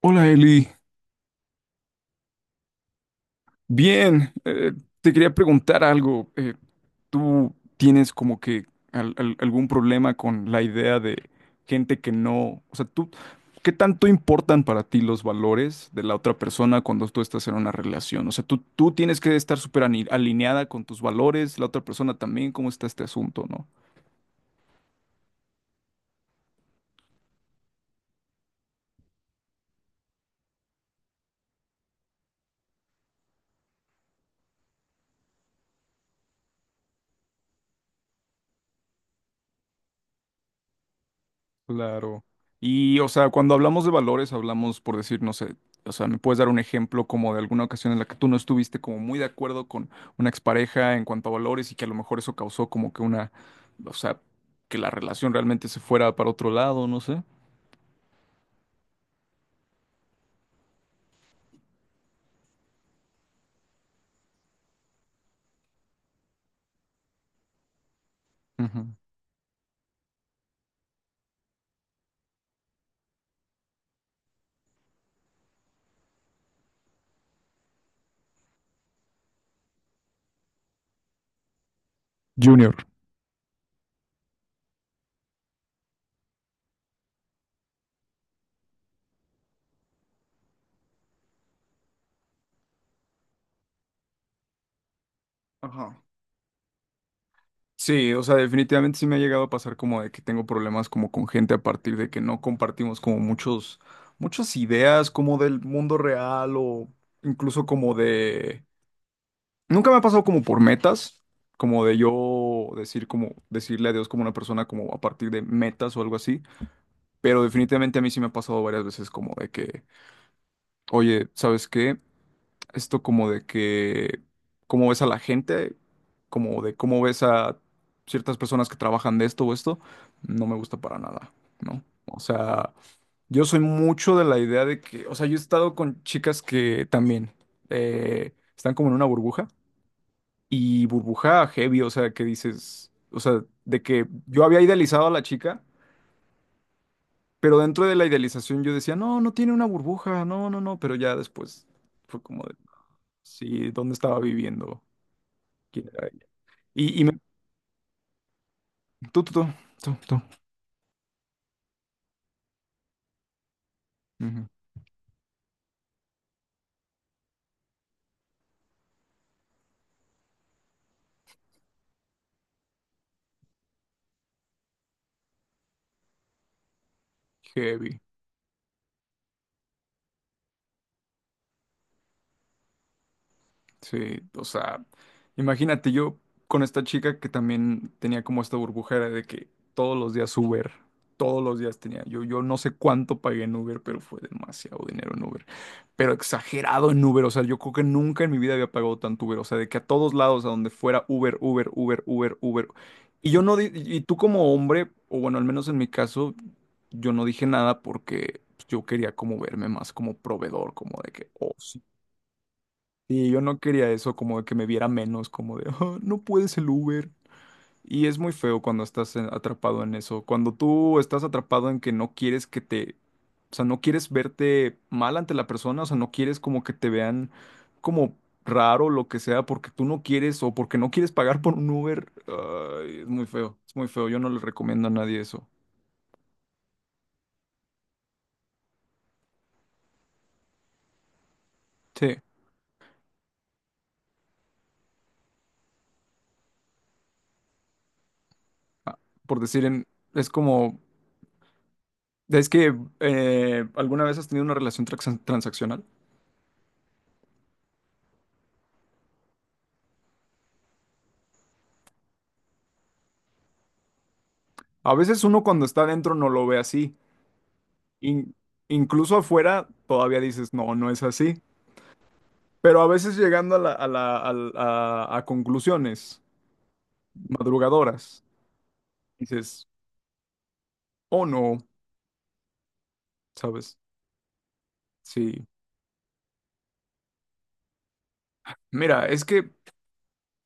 Hola Eli. Bien. Te quería preguntar algo. ¿Tú tienes como que algún problema con la idea de gente que no, o sea, tú, ¿qué tanto importan para ti los valores de la otra persona cuando tú estás en una relación? O sea, tú tienes que estar súper alineada con tus valores, la otra persona también. ¿Cómo está este asunto, no? Claro. Y, o sea, cuando hablamos de valores, hablamos por decir, no sé, o sea, ¿me puedes dar un ejemplo como de alguna ocasión en la que tú no estuviste como muy de acuerdo con una expareja en cuanto a valores y que a lo mejor eso causó como que una, o sea, que la relación realmente se fuera para otro lado, no sé? Ujú. Junior. Ajá. Sí, o sea, definitivamente sí me ha llegado a pasar como de que tengo problemas como con gente a partir de que no compartimos como muchas ideas como del mundo real o incluso como de. Nunca me ha pasado como por metas, como de yo decir como decirle adiós como una persona como a partir de metas o algo así, pero definitivamente a mí sí me ha pasado varias veces como de que, oye, ¿sabes qué? Esto como de que cómo ves a la gente, como de cómo ves a ciertas personas que trabajan de esto o esto, no me gusta para nada, ¿no? O sea, yo soy mucho de la idea de que, o sea, yo he estado con chicas que también están como en una burbuja y burbuja heavy, o sea, que dices, o sea, de que yo había idealizado a la chica, pero dentro de la idealización yo decía, no, no tiene una burbuja, no, no, no, pero ya después fue como de, sí, ¿dónde estaba viviendo? ¿Quién era ella? Y me, tú, tú, tú, tú, ujú, heavy. Sí, o sea, imagínate yo con esta chica que también tenía como esta burbujera de que todos los días Uber, todos los días tenía, yo no sé cuánto pagué en Uber, pero fue demasiado dinero en Uber, pero exagerado en Uber, o sea, yo creo que nunca en mi vida había pagado tanto Uber, o sea, de que a todos lados, a donde fuera Uber, Uber, Uber, Uber, Uber, y yo no, di- y tú como hombre, o bueno, al menos en mi caso, yo no dije nada porque pues, yo quería como verme más como proveedor, como de que, oh, sí, y yo no quería eso, como de que me viera menos, como de, "Ah, no puedes el Uber". Y es muy feo cuando estás atrapado en eso. Cuando tú estás atrapado en que no quieres que te, o sea, no quieres verte mal ante la persona, o sea, no quieres como que te vean como raro, lo que sea, porque tú no quieres o porque no quieres pagar por un Uber. Ay, es muy feo, es muy feo. Yo no le recomiendo a nadie eso. Sí, por decir, en- es como, es que ¿alguna vez has tenido una relación transaccional? A veces uno cuando está adentro no lo ve así. In- incluso afuera todavía dices, no, no es así. Pero a veces llegando a a conclusiones madrugadoras, dices, oh no, ¿sabes? Sí. Mira, es que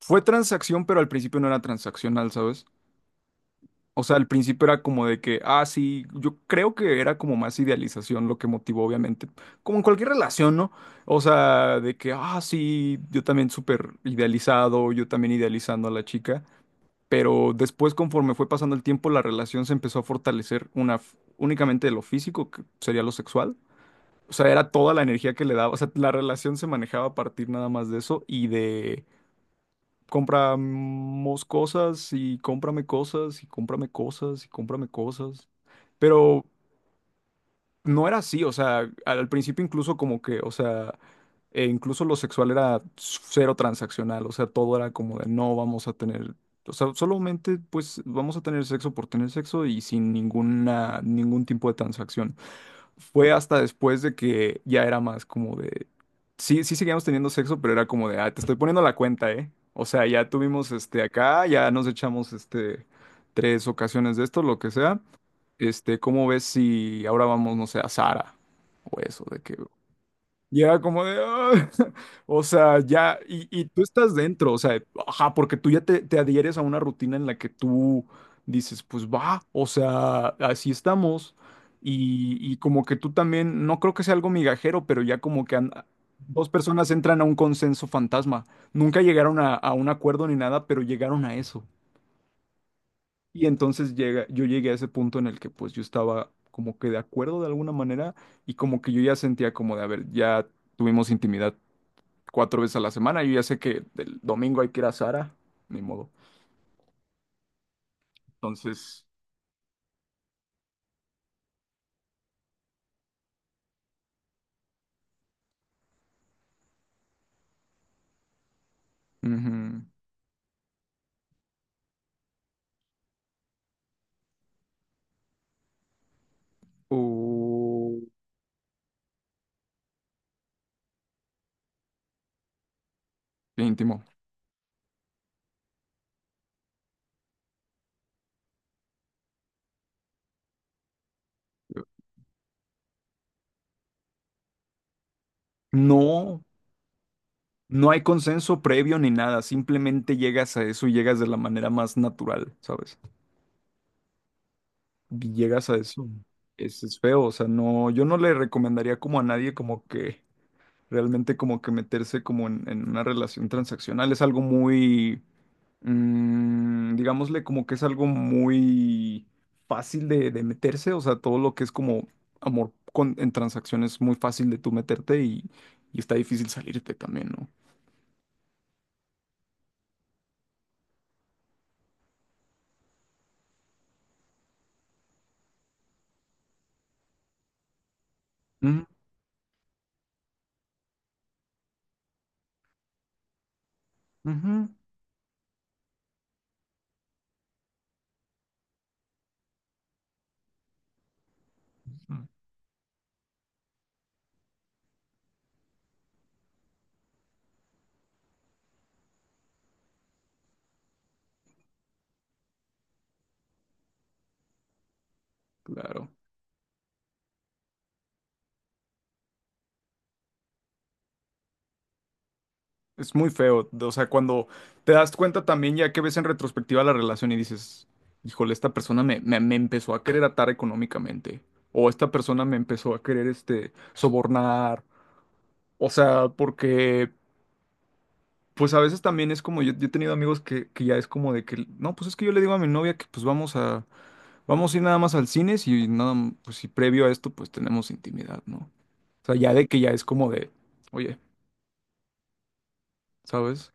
fue transacción, pero al principio no era transaccional, ¿sabes? O sea, al principio era como de que, ah, sí, yo creo que era como más idealización lo que motivó, obviamente, como en cualquier relación, ¿no? O sea, de que, ah, sí, yo también súper idealizado, yo también idealizando a la chica, pero después, conforme fue pasando el tiempo, la relación se empezó a fortalecer una, únicamente de lo físico, que sería lo sexual. O sea, era toda la energía que le daba, o sea, la relación se manejaba a partir nada más de eso y de. Compramos cosas y cómprame cosas y cómprame cosas y cómprame cosas. Pero no era así, o sea, al principio incluso como que, o sea, e incluso lo sexual era cero transaccional, o sea, todo era como de no vamos a tener, o sea, solamente pues vamos a tener sexo por tener sexo y sin ninguna, ningún tipo de transacción, fue hasta después de que ya era más como de... Sí, sí seguíamos teniendo sexo, pero era como de, ah, te estoy poniendo la cuenta, ¿eh? O sea, ya tuvimos este acá, ya nos echamos este 3 ocasiones de esto, lo que sea. Este, ¿cómo ves si ahora vamos, no sé, a Sara? O eso, de que ya como de, "Ah", o sea, ya, y tú estás dentro, o sea, ajá, porque tú ya te adhieres a una rutina en la que tú dices, pues va, o sea, así estamos, y como que tú también, no creo que sea algo migajero, pero ya como que dos personas entran a un consenso fantasma, nunca llegaron a un acuerdo ni nada, pero llegaron a eso. Y entonces llega, yo llegué a ese punto en el que pues yo estaba como que de acuerdo de alguna manera, y como que yo ya sentía como de, a ver, ya tuvimos intimidad 4 veces a la semana. Yo ya sé que el domingo hay que ir a Sara, ni modo. Entonces, ujú. Uh, qué íntimo. No, no hay consenso previo ni nada. Simplemente llegas a eso y llegas de la manera más natural, ¿sabes? Y llegas a eso. Es feo, o sea, no, yo no le recomendaría como a nadie como que realmente como que meterse como en una relación transaccional. Es algo muy mm, digámosle como que es algo muy fácil de meterse, o sea, todo lo que es como amor con, en transacciones es muy fácil de tú meterte, y está difícil salirte también, ¿no? Mm, ujú. Mm. Claro. Es muy feo, o sea, cuando te das cuenta también ya que ves en retrospectiva la relación y dices, híjole, esta persona me empezó a querer atar económicamente, o esta persona me empezó a querer, este, sobornar, o sea, porque pues a veces también es como, yo he tenido amigos que ya es como de que, no, pues es que yo le digo a mi novia que pues vamos a ir nada más al cine si, y nada, m- pues si previo a esto pues tenemos intimidad, ¿no? O sea, ya de que ya es como de, oye, ¿sabes?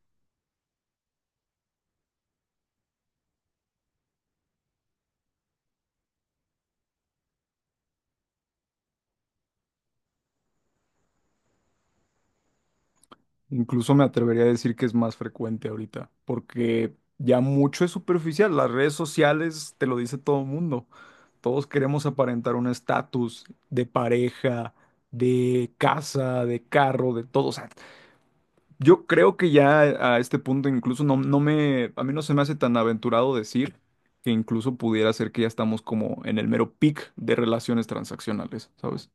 Incluso me atrevería a decir que es más frecuente ahorita, porque ya mucho es superficial, las redes sociales te lo dice todo el mundo, todos queremos aparentar un estatus de pareja, de casa, de carro, de todo, o sea, yo creo que ya a este punto incluso a mí no se me hace tan aventurado decir que incluso pudiera ser que ya estamos como en el mero peak de relaciones transaccionales, ¿sabes?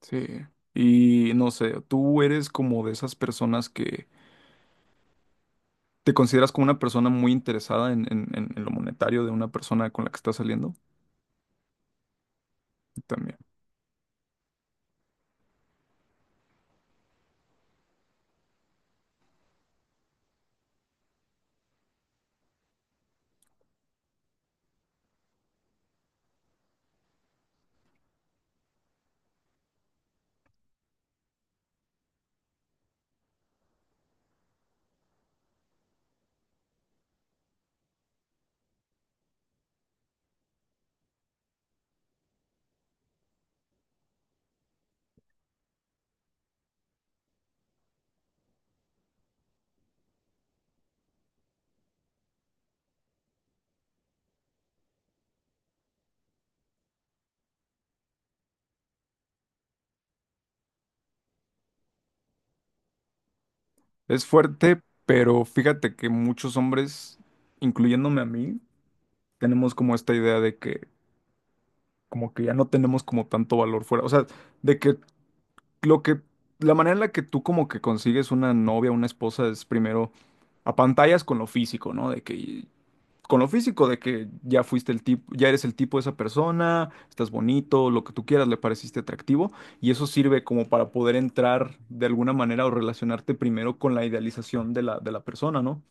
Sí. Y no sé, tú eres como de esas personas que te consideras como una persona muy interesada en, en lo monetario de una persona con la que estás saliendo. También. Es fuerte, pero fíjate que muchos hombres, incluyéndome a mí, tenemos como esta idea de que como que ya no tenemos como tanto valor fuera. O sea, de que lo que, la manera en la que tú como que consigues una novia, una esposa, es primero a pantallas con lo físico, ¿no? De que, con lo físico, de que ya fuiste el tipo, ya eres el tipo de esa persona, estás bonito, lo que tú quieras, le pareciste atractivo, y eso sirve como para poder entrar de alguna manera o relacionarte primero con la idealización de de la persona, ¿no?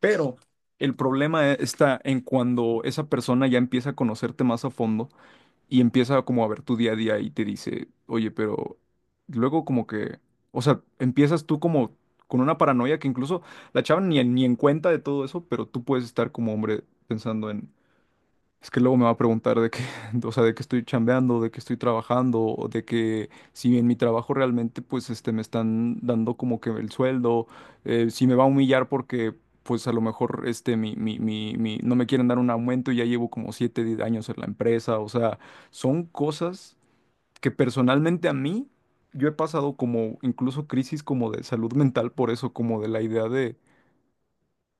Pero... El problema está en cuando esa persona ya empieza a conocerte más a fondo y empieza como a ver tu día a día y te dice, oye, pero luego como que, o sea, empiezas tú como con una paranoia que incluso la chava ni, ni en cuenta de todo eso, pero tú puedes estar como hombre pensando en es que luego me va a preguntar de qué, o sea, de qué estoy chambeando, de qué estoy trabajando, o de que si en mi trabajo realmente, pues, este, me están dando como que el sueldo, si me va a humillar porque, pues, a lo mejor, este, no me quieren dar un aumento y ya llevo como 7 años en la empresa, o sea, son cosas que personalmente a mí, yo he pasado como incluso crisis como de salud mental por eso, como de la idea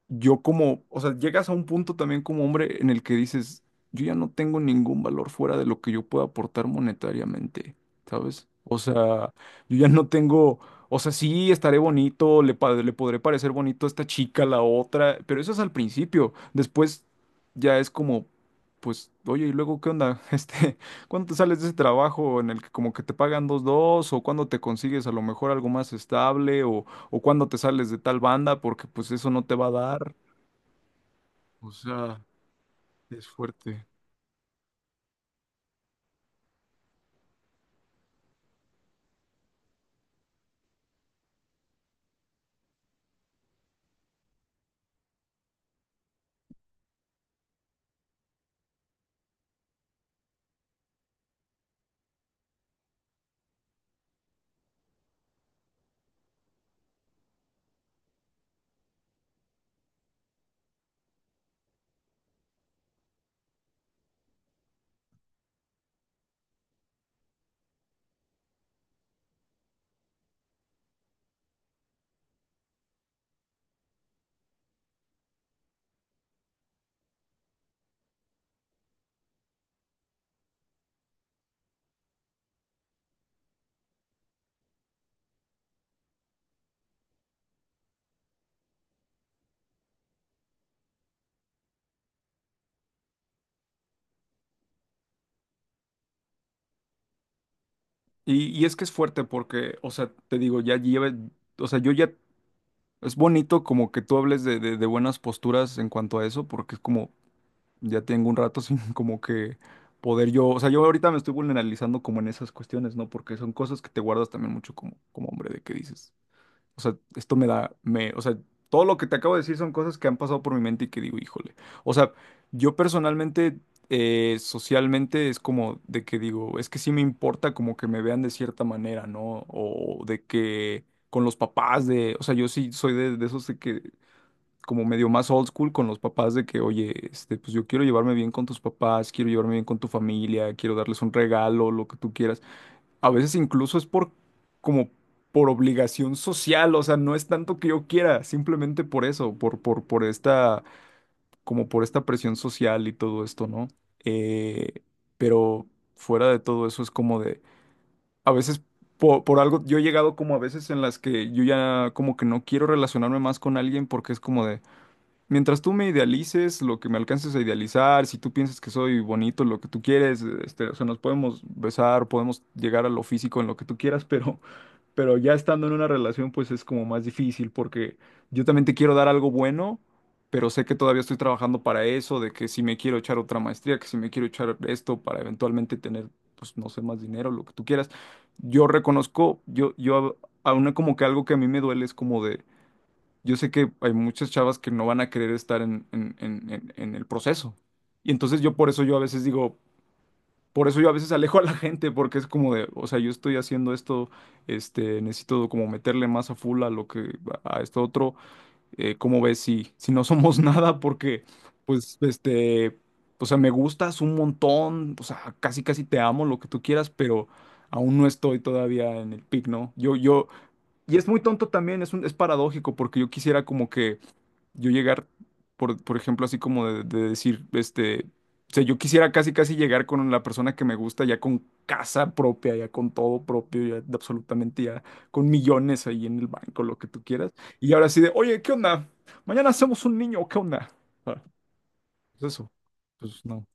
yo como, o sea, llegas a un punto también como hombre en el que dices, yo ya no tengo ningún valor fuera de lo que yo pueda aportar monetariamente, ¿sabes? O sea, yo ya no tengo, o sea, sí estaré bonito, le podré parecer bonito a esta chica, a la otra, pero eso es al principio. Después ya es como, pues, oye, ¿y luego qué onda? ¿Cuándo te sales de ese trabajo en el que como que te pagan o cuándo te consigues a lo mejor algo más estable, o cuándo te sales de tal banda, porque pues eso no te va a dar. O sea, es fuerte. Y es que es fuerte porque, o sea, te digo, ya lleva, o sea, yo ya, es bonito como que tú hables de buenas posturas en cuanto a eso, porque es como, ya tengo un rato sin como que poder yo, o sea, yo ahorita me estoy vulnerabilizando como en esas cuestiones, ¿no? Porque son cosas que te guardas también mucho como hombre de que dices. O sea, esto o sea, todo lo que te acabo de decir son cosas que han pasado por mi mente y que digo, híjole. O sea, yo personalmente, socialmente es como de que digo, es que sí me importa como que me vean de cierta manera, ¿no? O de que con los papás de, o sea, yo sí soy de esos de que como medio más old school con los papás de que, oye, pues yo quiero llevarme bien con tus papás, quiero llevarme bien con tu familia, quiero darles un regalo, lo que tú quieras. A veces incluso es por como por obligación social, o sea, no es tanto que yo quiera, simplemente por eso, por esta, como por esta presión social y todo esto, ¿no? Eh, pero fuera de todo eso es como de, a veces por, algo, yo he llegado como a veces en las que yo ya como que no quiero relacionarme más con alguien porque es como de, mientras tú me idealices, lo que me alcances a idealizar, si tú piensas que soy bonito, lo que tú quieres, o sea, nos podemos besar, podemos llegar a lo físico en lo que tú quieras, pero ya estando en una relación, pues es como más difícil porque yo también te quiero dar algo bueno, pero sé que todavía estoy trabajando para eso, de que si me quiero echar otra maestría, que si me quiero echar esto para eventualmente tener, pues no sé, más dinero, lo que tú quieras. Yo reconozco, yo a una como que algo que a mí me duele es como de, yo sé que hay muchas chavas que no van a querer estar en el proceso. Y entonces yo por eso yo a veces digo, por eso yo a veces alejo a la gente, porque es como de, o sea, yo estoy haciendo esto, necesito como meterle más a full a lo que, a esto otro, ¿cómo ves si no somos nada? Porque, pues, o sea, me gustas un montón, o sea, casi casi te amo, lo que tú quieras, pero aún no estoy todavía en el pic, ¿no? Y es muy tonto también, es paradójico, porque yo quisiera como que yo llegar, por ejemplo, así como de decir, o sea, yo quisiera casi, casi llegar con la persona que me gusta, ya con casa propia, ya con todo propio, ya de absolutamente, ya con millones ahí en el banco, lo que tú quieras. Y ahora sí de, oye, ¿qué onda? Mañana hacemos un niño, ¿qué onda? Ah, pues eso, pues no, o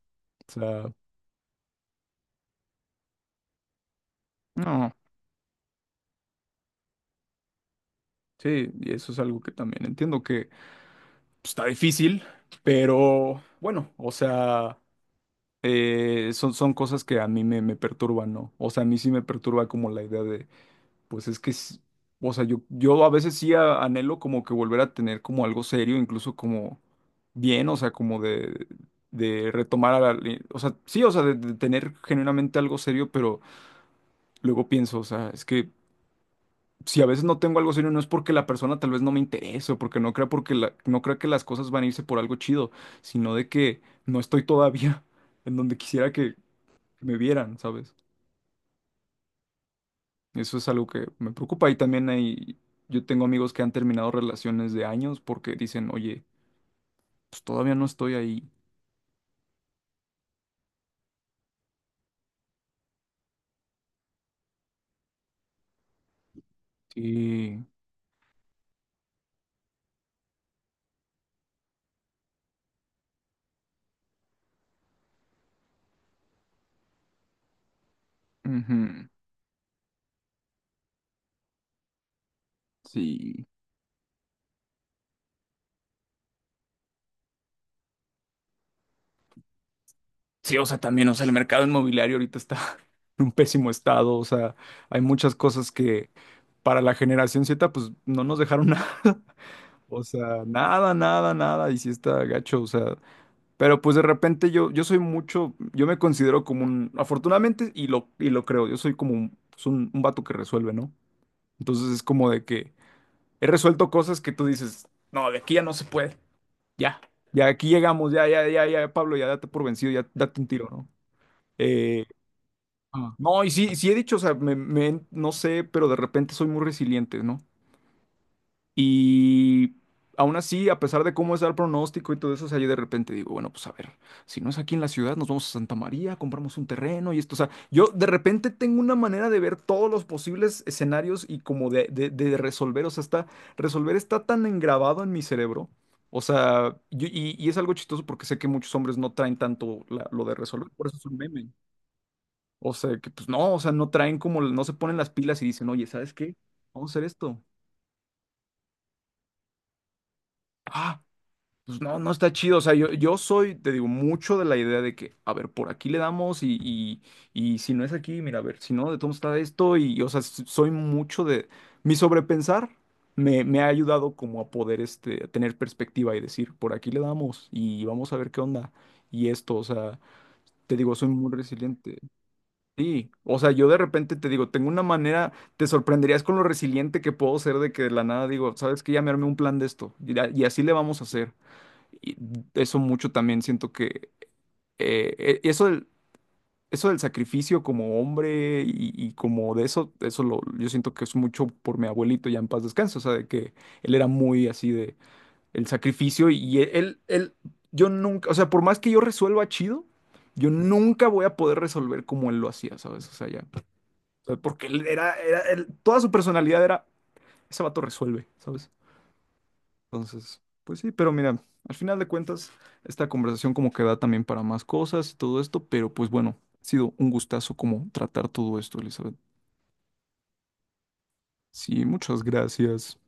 sea, no. Sí, y eso es algo que también entiendo que pues, está difícil, pero bueno, o sea... son, cosas que a mí me perturban, ¿no? O sea, a mí sí me perturba como la idea de, pues es que, o sea, yo a veces sí anhelo como que volver a tener como algo serio, incluso como bien, o sea, como de retomar a la, o sea, sí, o sea, de tener genuinamente algo serio, pero luego pienso, o sea, es que si a veces no tengo algo serio, no es porque la persona tal vez no me interese, o porque no crea, no crea que las cosas van a irse por algo chido, sino de que no estoy todavía en donde quisiera que me vieran, ¿sabes? Eso es algo que me preocupa y también yo tengo amigos que han terminado relaciones de años porque dicen, oye, pues todavía no estoy ahí. Sí, ujú, sí. Sí, o sea, también, o sea, el mercado inmobiliario ahorita está en un pésimo estado, o sea, hay muchas cosas que para la generación Z, pues no nos dejaron nada. O sea, nada, nada, nada. Y si está gacho, o sea, pero pues de repente yo soy mucho, yo me considero como un, afortunadamente, y lo creo, yo soy como un, pues, un vato que resuelve, ¿no? Entonces es como de que he resuelto cosas que tú dices, no, de aquí ya no se puede, ya, ya aquí llegamos, ya, ya, ya, ya, Pablo, ya date por vencido, ya date un tiro, ¿no? Eh, ah, no, y sí, sí he dicho, o sea, no sé, pero de repente soy muy resiliente, ¿no? Y aún así, a pesar de cómo es el pronóstico y todo eso, o sea, yo de repente digo, bueno, pues a ver, si no es aquí en la ciudad, nos vamos a Santa María, compramos un terreno y esto. O sea, yo de repente tengo una manera de ver todos los posibles escenarios y como de resolver, o sea, resolver está tan engrabado en mi cerebro. O sea, y es algo chistoso porque sé que muchos hombres no traen tanto lo de resolver, por eso es un meme. O sea, que pues no, o sea, no traen como, no se ponen las pilas y dicen, oye, ¿sabes qué? Vamos a hacer esto. Ah, pues no, no está chido. O sea, yo soy, te digo, mucho de la idea de que, a ver, por aquí le damos y si no es aquí, mira, a ver, si no, de todo está esto. Y, o sea, soy mucho de... Mi sobrepensar me ha ayudado como a poder a tener perspectiva y decir, por aquí le damos y vamos a ver qué onda. Y esto, o sea, te digo, soy muy resiliente. Sí, o sea, yo de repente te digo, tengo una manera, te sorprenderías con lo resiliente que puedo ser de que de la nada digo, sabes que ya me armé un plan de esto y así le vamos a hacer. Y eso mucho también siento que eh, e- eso del, eso del sacrificio como hombre y como de eso, yo siento que es mucho por mi abuelito ya en paz descanse, o sea, de que él era muy así de el sacrificio y yo nunca, o sea, por más que yo resuelva chido, yo nunca voy a poder resolver como él lo hacía, ¿sabes? O sea, ya, o sea, porque él era, toda su personalidad era, ese vato resuelve, ¿sabes? Entonces, pues sí, pero mira, al final de cuentas, esta conversación como que da también para más cosas y todo esto, pero pues bueno, ha sido un gustazo como tratar todo esto, Elizabeth. Sí, muchas gracias.